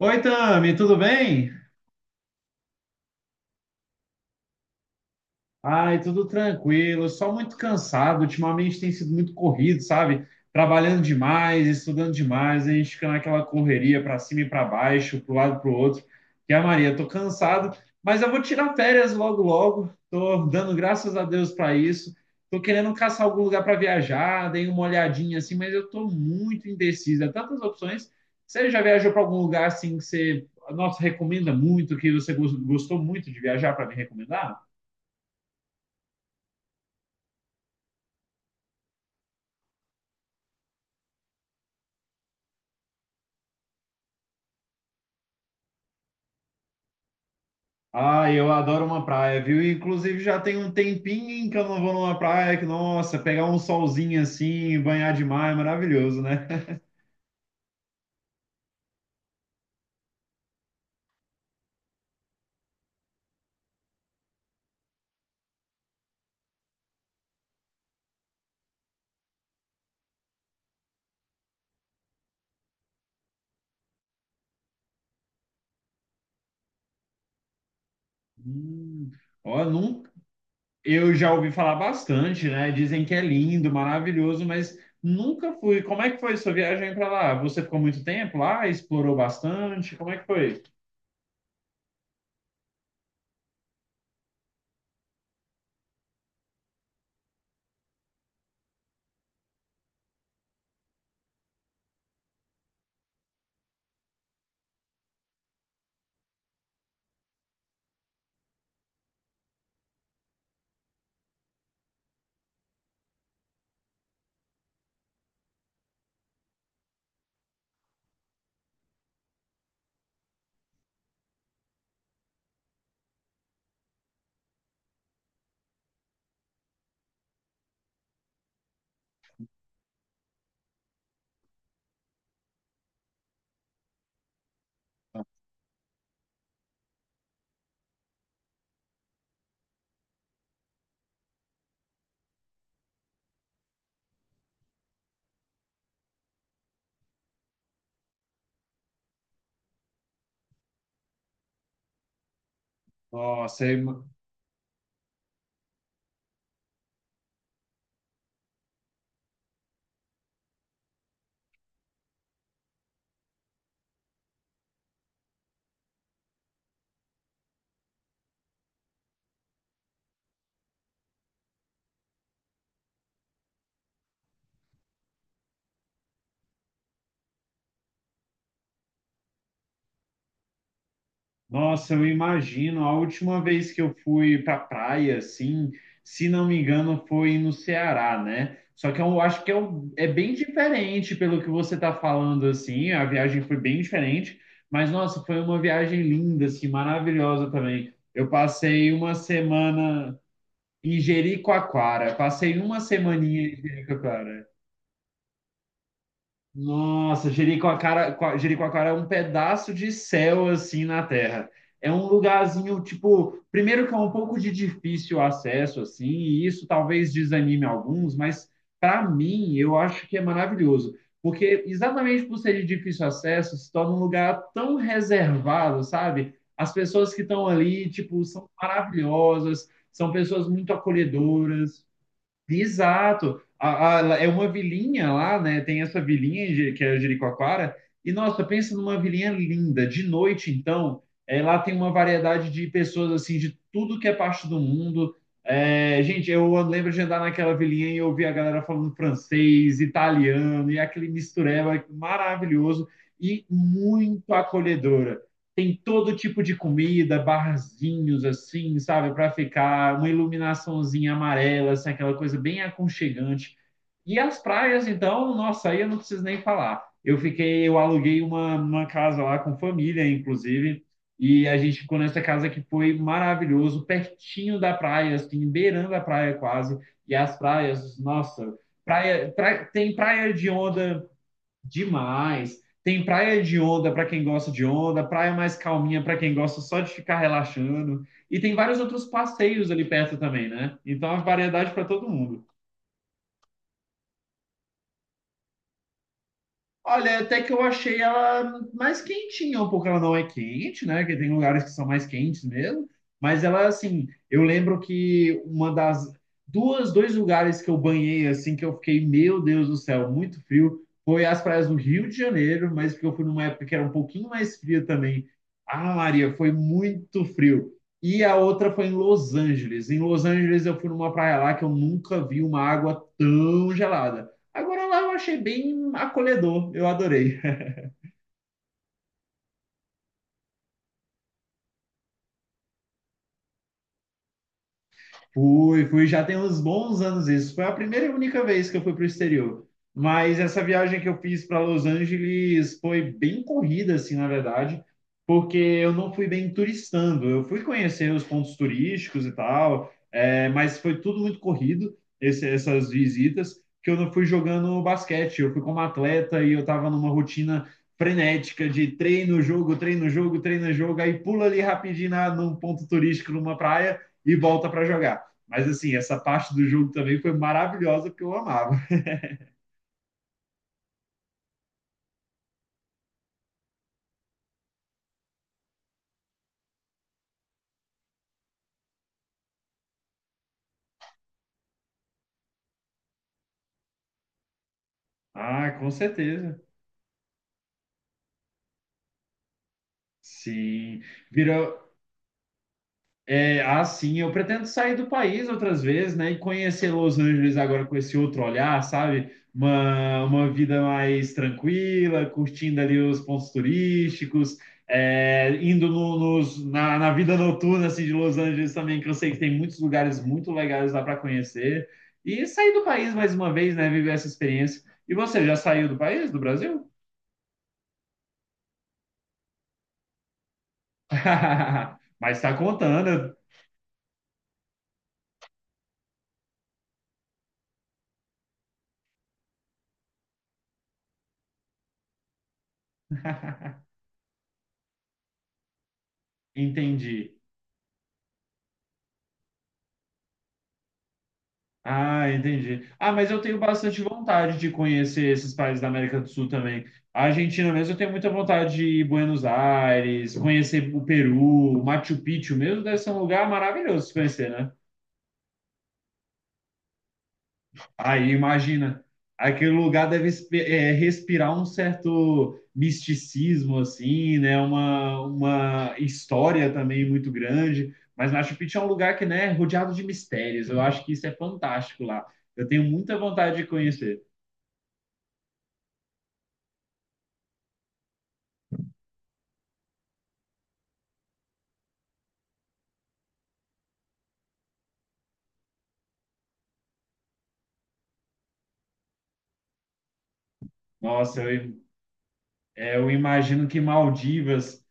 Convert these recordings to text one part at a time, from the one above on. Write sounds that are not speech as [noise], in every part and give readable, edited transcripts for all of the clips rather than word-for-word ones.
Oi, Tami, tudo bem? Ai, tudo tranquilo, só muito cansado. Ultimamente tem sido muito corrido, sabe? Trabalhando demais, estudando demais, a gente fica naquela correria para cima e para baixo, para o lado e para o outro. E a Maria, tô cansado, mas eu vou tirar férias logo logo. Tô dando graças a Deus para isso. Tô querendo caçar algum lugar para viajar, dei uma olhadinha assim, mas eu tô muito indecisa. Tantas opções. Você já viajou para algum lugar assim que você, nossa, recomenda muito, que você gostou muito de viajar para me recomendar? Ah, eu adoro uma praia, viu? Inclusive já tem um tempinho que eu não vou numa praia que, nossa, pegar um solzinho assim, banhar de mar é maravilhoso, né? Hum, ó, nunca, eu já ouvi falar bastante, né? Dizem que é lindo, maravilhoso, mas nunca fui. Como é que foi sua viagem para lá? Você ficou muito tempo lá? Explorou bastante? Como é que foi? Nossa, é Nossa, eu imagino. A última vez que eu fui para praia, assim, se não me engano, foi no Ceará, né? Só que eu acho que é bem diferente pelo que você está falando, assim. A viagem foi bem diferente, mas nossa, foi uma viagem linda, assim, maravilhosa também. Eu passei uma semana em Jericoacoara, passei uma semaninha em Jericoacoara. Nossa, Jericoacoara, Jericoacoara é um pedaço de céu assim na terra. É um lugarzinho, tipo, primeiro que é um pouco de difícil acesso assim, e isso talvez desanime alguns, mas para mim eu acho que é maravilhoso, porque exatamente por ser de difícil acesso, se torna um lugar tão reservado, sabe? As pessoas que estão ali, tipo, são maravilhosas, são pessoas muito acolhedoras. Exato. É uma vilinha lá, né? Tem essa vilinha em que é Jericoacoara. E nossa, pensa numa vilinha linda. De noite, então, lá tem uma variedade de pessoas assim de tudo que é parte do mundo. É, gente, eu lembro de andar naquela vilinha e ouvir a galera falando francês, italiano e aquele mistureba maravilhoso e muito acolhedora tem todo tipo de comida, barzinhos assim, sabe, para ficar, uma iluminaçãozinha amarela, assim, aquela coisa bem aconchegante. E as praias, então, nossa, aí eu não preciso nem falar. Eu fiquei, eu aluguei uma casa lá com família, inclusive, e a gente ficou nessa casa que foi maravilhoso, pertinho da praia, assim, beirando a praia quase. E as praias, nossa, praia, tem praia de onda. Demais. Tem praia de onda para quem gosta de onda, praia mais calminha para quem gosta só de ficar relaxando. E tem vários outros passeios ali perto também, né? Então, a variedade para todo mundo. Olha, até que eu achei ela mais quentinha, um pouco ela não é quente, né? Que tem lugares que são mais quentes mesmo, mas ela assim, eu lembro que uma das duas, dois lugares que eu banhei assim que eu fiquei, meu Deus do céu, muito frio, foi as praias do Rio de Janeiro, mas porque eu fui numa época que era um pouquinho mais fria também. Ah, Maria, foi muito frio. E a outra foi em Los Angeles. Em Los Angeles eu fui numa praia lá que eu nunca vi uma água tão gelada. Agora lá eu achei bem acolhedor, eu adorei. Fui, fui, já tem uns bons anos isso. Foi a primeira e única vez que eu fui para o exterior. Mas essa viagem que eu fiz para Los Angeles foi bem corrida, assim, na verdade, porque eu não fui bem turistando. Eu fui conhecer os pontos turísticos e tal, mas foi tudo muito corrido, essas visitas, que eu não fui jogando basquete. Eu fui como atleta e eu estava numa rotina frenética de treino, jogo, treino, jogo, treino, jogo, aí pula ali rapidinho num ponto turístico, numa praia, e volta para jogar. Mas assim, essa parte do jogo também foi maravilhosa porque eu amava. Ah, com certeza. Sim. Virou, É, assim, eu pretendo sair do país outras vezes, né? E conhecer Los Angeles agora com esse outro olhar, sabe? Uma vida mais tranquila, curtindo ali os pontos turísticos, indo na vida noturna assim, de Los Angeles também, que eu sei que tem muitos lugares muito legais lá para conhecer. E sair do país mais uma vez, né? Viver essa experiência. E você já saiu do país, do Brasil? [laughs] Mas está contando, eu entendi. Ah, entendi. Ah, mas eu tenho bastante vontade de conhecer esses países da América do Sul também. A Argentina mesmo, eu tenho muita vontade de ir Buenos Aires, conhecer o Peru, Machu Picchu mesmo, deve ser um lugar maravilhoso se conhecer, né? Aí, imagina, aquele lugar deve respirar um certo misticismo, assim, né? Uma história também muito grande. Mas Machu Picchu é um lugar que, né, é rodeado de mistérios. Eu acho que isso é fantástico lá. Eu tenho muita vontade de conhecer. Nossa, eu imagino que Maldivas.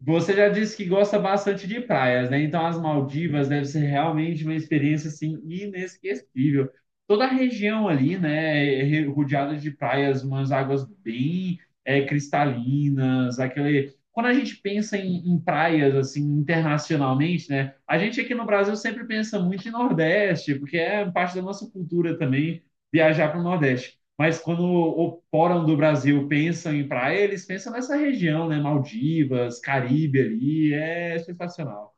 Você já disse que gosta bastante de praias, né? Então as Maldivas deve ser realmente uma experiência assim inesquecível. Toda a região ali, né, é rodeada de praias, umas águas bem cristalinas, aquele. Quando a gente pensa em praias assim internacionalmente, né? A gente aqui no Brasil sempre pensa muito em Nordeste, porque é parte da nossa cultura também viajar para o Nordeste. Mas quando o Fórum do Brasil pensam em praia, eles pensam nessa região, né? Maldivas, Caribe ali, é sensacional.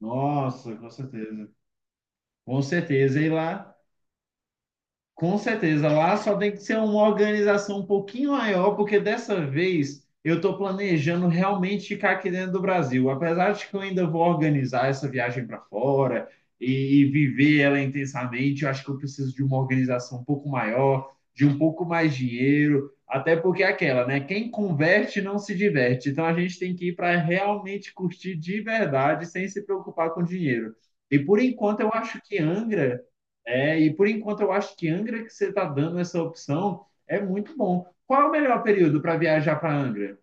Nossa, com certeza. Com certeza. Com certeza, lá só tem que ser uma organização um pouquinho maior, porque dessa vez eu estou planejando realmente ficar aqui dentro do Brasil. Apesar de que eu ainda vou organizar essa viagem para fora e viver ela intensamente, eu acho que eu preciso de uma organização um pouco maior, de um pouco mais dinheiro, até porque é aquela, né? Quem converte não se diverte. Então a gente tem que ir para realmente curtir de verdade, sem se preocupar com dinheiro. E por enquanto eu acho que Angra. É, e por enquanto eu acho que Angra que você está dando essa opção é muito bom. Qual é o melhor período para viajar para Angra?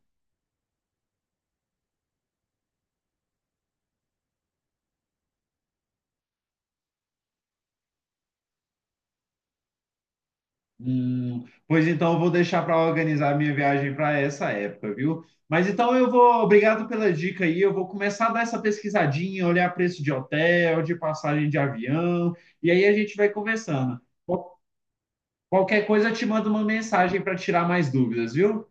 Pois então eu vou deixar para organizar minha viagem para essa época, viu? Mas então eu vou, obrigado pela dica aí. Eu vou começar a dar essa pesquisadinha, olhar preço de hotel, de passagem de avião, e aí a gente vai conversando. Qual- Qualquer coisa eu te mando uma mensagem para tirar mais dúvidas, viu?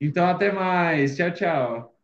Então até mais. Tchau, tchau.